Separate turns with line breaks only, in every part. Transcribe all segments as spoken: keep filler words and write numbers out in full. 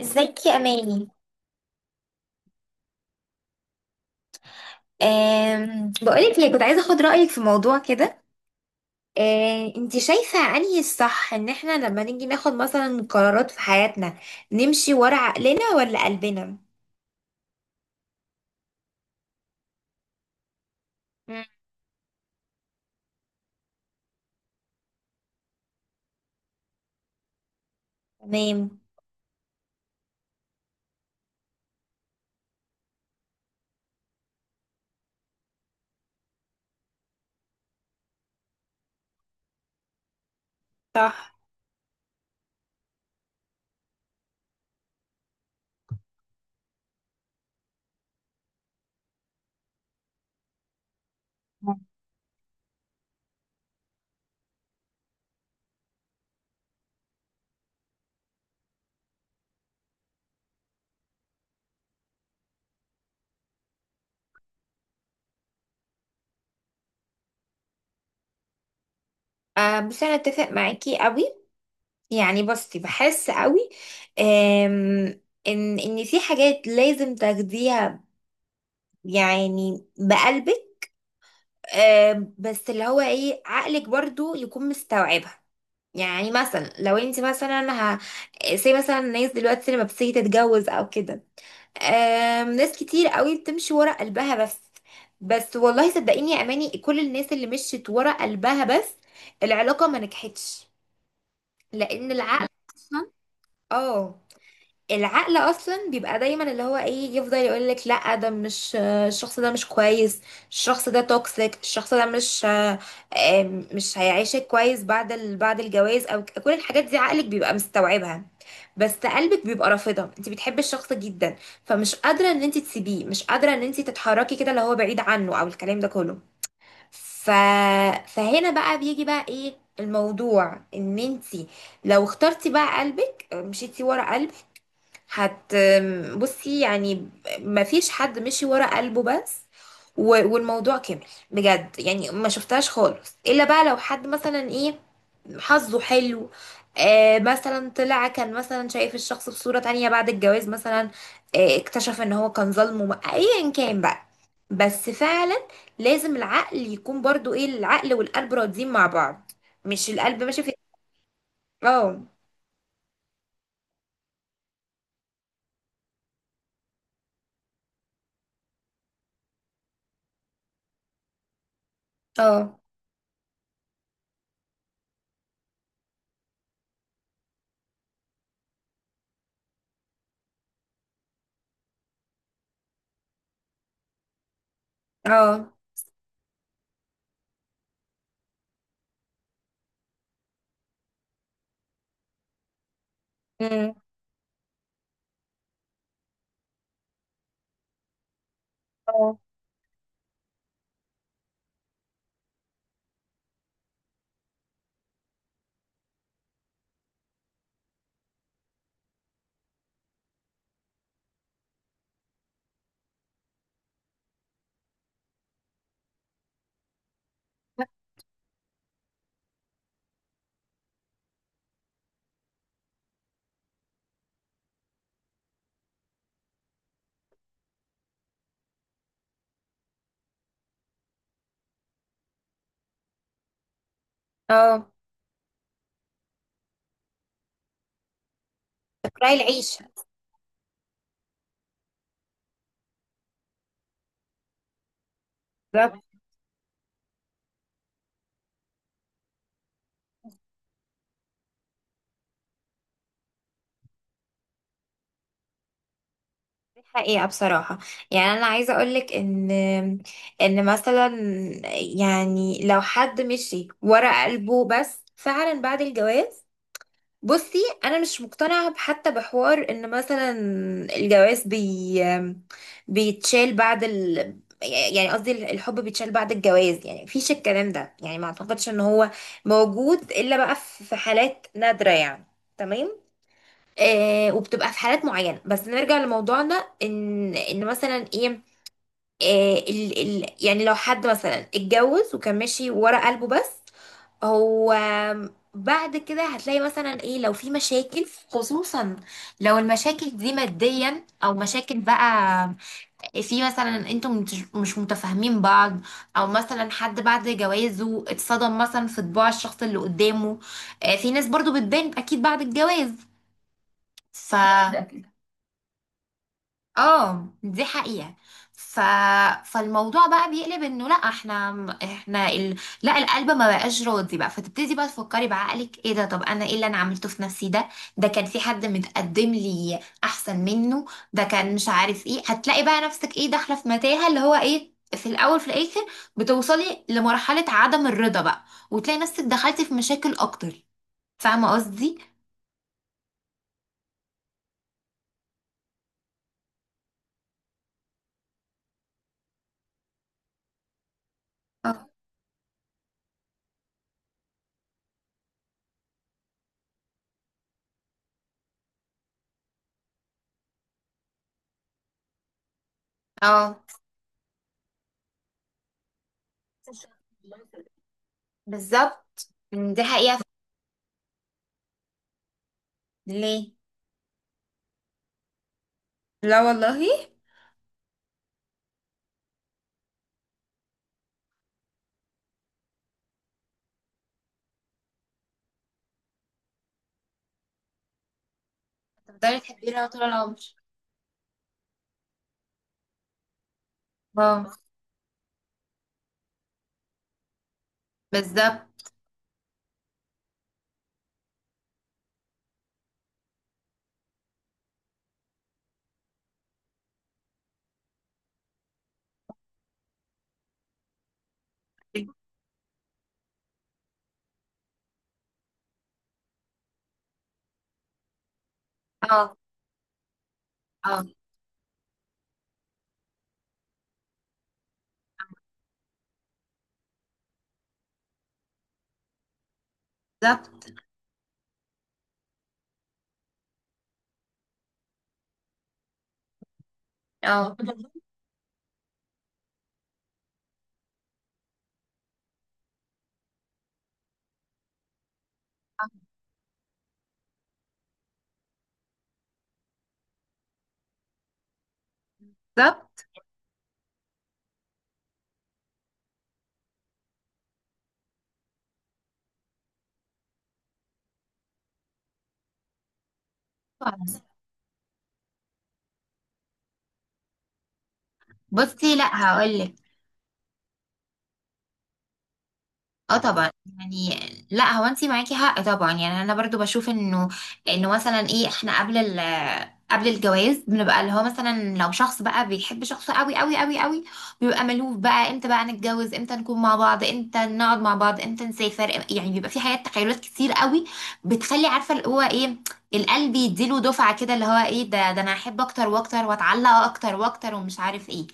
ازيك يا اماني؟ أم بقولك ليه كنت عايزه اخد رايك في موضوع كده. أه انتي شايفه انهي الصح ان احنا لما نيجي ناخد مثلا قرارات في حياتنا نمشي ورا عقلنا ولا قلبنا؟ مم. تمام. صح. أه، بس انا اتفق معاكي قوي. يعني بصي بحس قوي. أم ان ان في حاجات لازم تاخديها، يعني بقلبك. أه بس اللي هو ايه عقلك برضو يكون مستوعبها. يعني مثلا لو انت مثلا ه... زي مثلا الناس دلوقتي لما بتيجي تتجوز او كده. آم، ناس كتير قوي بتمشي ورا قلبها بس. بس والله صدقيني يا اماني كل الناس اللي مشيت ورا قلبها بس العلاقة ما نجحتش، لان العقل اصلا. اه. العقل اصلا بيبقى دايما اللي هو ايه يفضل يقول لك لا ده مش الشخص، ده مش كويس، الشخص ده توكسيك، الشخص ده مش آه، مش هيعيشك كويس بعد ال... بعد الجواز، او ك- كل الحاجات دي عقلك بيبقى مستوعبها. بس قلبك بيبقى رافضها، انت بتحبي الشخص جدا، فمش قادره ان انت تسيبيه، مش قادره ان انت تتحركي كده اللي هو بعيد عنه او الكلام ده كله. ف... فهنا بقى بيجي بقى ايه الموضوع، ان انت لو اخترتي بقى قلبك مشيتي ورا قلبك هت بصي يعني. مفيش حد مشي ورا قلبه بس و- والموضوع كمل، بجد يعني. ما شفتهاش خالص الا بقى لو حد مثلا ايه، حظه حلو، آه مثلا طلع كان مثلا شايف الشخص بصورة تانية بعد الجواز مثلا، آه اكتشف ان هو كان ظلمه ايا كان بقى. بس فعلا لازم العقل يكون برضو ايه، العقل والقلب راضيين مع بعض، مش القلب ماشي في. اه. اه. اه. مم. اه. اه. راي العيشة. بالظبط. دي حقيقة بصراحة. يعني أنا عايزة أقولك إن إن مثلا، يعني لو حد مشي ورا قلبه بس فعلا بعد الجواز، بصي أنا مش مقتنعة حتى بحوار إن مثلا الجواز بي بيتشال بعد ال يعني قصدي الحب بيتشال بعد الجواز، يعني مفيش الكلام ده، يعني ما أعتقدش إن هو موجود إلا بقى في في حالات نادرة يعني. تمام. آه وبتبقى في حالات معينة، بس نرجع لموضوعنا ان ان مثلا ايه، آه ال ال يعني لو حد مثلا اتجوز وكان ماشي ورا قلبه بس، هو بعد كده هتلاقي مثلا ايه لو في مشاكل، خصوصا لو المشاكل دي ماديا او مشاكل بقى في مثلا انتم مش مش متفاهمين بعض، او مثلا حد بعد جوازه اتصدم مثلا في طباع الشخص اللي قدامه، آه، في ناس برضو بتبان اكيد بعد الجواز. ف اه دي حقيقة. ف... فالموضوع بقى بيقلب انه لا احنا، احنا ال... لا القلب ما بقاش راضي بقى، فتبتدي بقى تفكري بعقلك ايه ده، طب انا ايه اللي انا عملته في نفسي ده، ده كان في حد متقدم لي احسن منه، ده كان مش عارف ايه، هتلاقي بقى نفسك ايه داخلة في متاهة اللي هو ايه في الاول في الاخر بتوصلي لمرحلة عدم الرضا بقى، وتلاقي نفسك دخلتي في مشاكل اكتر، فاهمة قصدي؟ اه. اه. بالظبط. مم، دي حقيقة. ليه؟ لا والله. تفضلي تحبيه لها طول العمر. اه. بالظبط. اه. اه. بالظبط. اه. بالظبط. بصي لا هقول لك. اه طبعا. يعني لا، هو انت معاكي حق طبعا، يعني انا برضو بشوف انه انه مثلا ايه احنا قبل ال قبل الجواز بنبقى اللي هو مثلا لو شخص بقى بيحب شخص قوي قوي قوي قوي، بيبقى ملهوف بقى امتى بقى نتجوز امتى نكون مع بعض امتى نقعد مع بعض امتى نسافر، يعني بيبقى في حاجات تخيلات كتير قوي، بتخلي عارفه اللي هو ايه، القلب يديله دفعه كده اللي هو ايه ده، ده انا احب اكتر واكتر واتعلق اكتر واكتر ومش عارف ايه،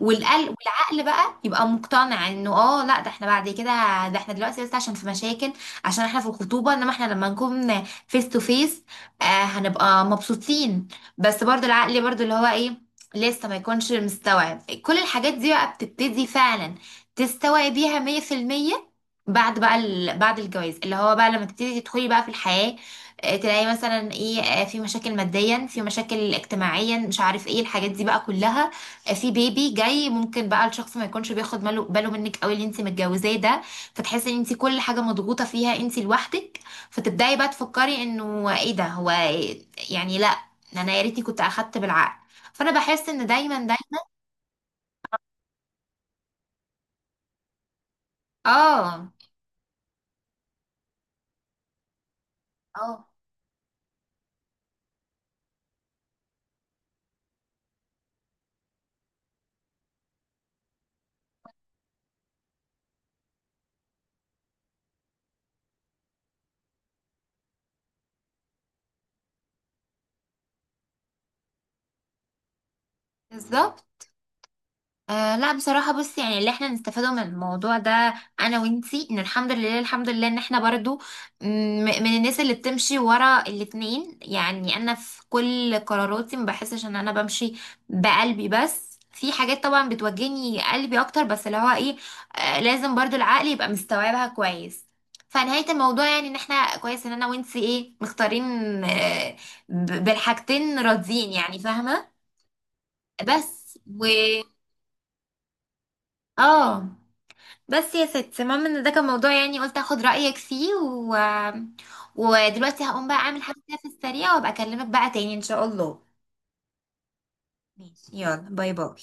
والقلب عقل بقى يبقى مقتنع انه اه لا ده احنا بعد كده، ده احنا دلوقتي بس عشان في مشاكل، عشان احنا في الخطوبة، انما احنا لما نكون فيس تو فيس هنبقى مبسوطين، بس برضو العقل برضو اللي هو ايه لسه ما يكونش مستوعب كل الحاجات دي، بقى بتبتدي فعلا تستوعبيها مية في المية، بعد بقى ال... بعد الجواز اللي هو بقى لما تبتدي تدخلي بقى في الحياة، آه تلاقي مثلا ايه، آه في مشاكل ماديا في مشاكل اجتماعيا مش عارف ايه الحاجات دي بقى كلها، في بيبي جاي ممكن بقى الشخص ما يكونش بياخد باله باله منك قوي اللي انت متجوزاه ده، فتحسي ان انت كل حاجه مضغوطه فيها انت لوحدك، فتبداي بقى تفكري انه ايه ده، هو إيه- يعني لا، انا يا ريتني كنت اخدت بالعقل، فانا بحس ان دايما دايما. اه. اه. بالظبط. آه لا بصراحة بصي، يعني اللي احنا نستفاده من الموضوع ده انا وانتي، ان الحمد لله، الحمد لله ان احنا برضو م- من الناس اللي بتمشي ورا الاتنين، يعني انا في كل قراراتي ما بحسش ان انا بمشي بقلبي بس، في حاجات طبعا بتوجهني قلبي اكتر، بس اللي هو ايه آه لازم برضو العقل يبقى مستوعبها كويس، فنهاية الموضوع يعني ان احنا كويس ان انا وانتي ايه مختارين، آه ب- بالحاجتين راضيين يعني فاهمة. بس و اه. بس يا ست، المهم ان ده كان موضوع يعني، قلت اخد رأيك فيه و... ودلوقتي هقوم بقى اعمل حاجة كده في السريع وابقى اكلمك بقى تاني ان شاء الله. ماشي يلا باي باي.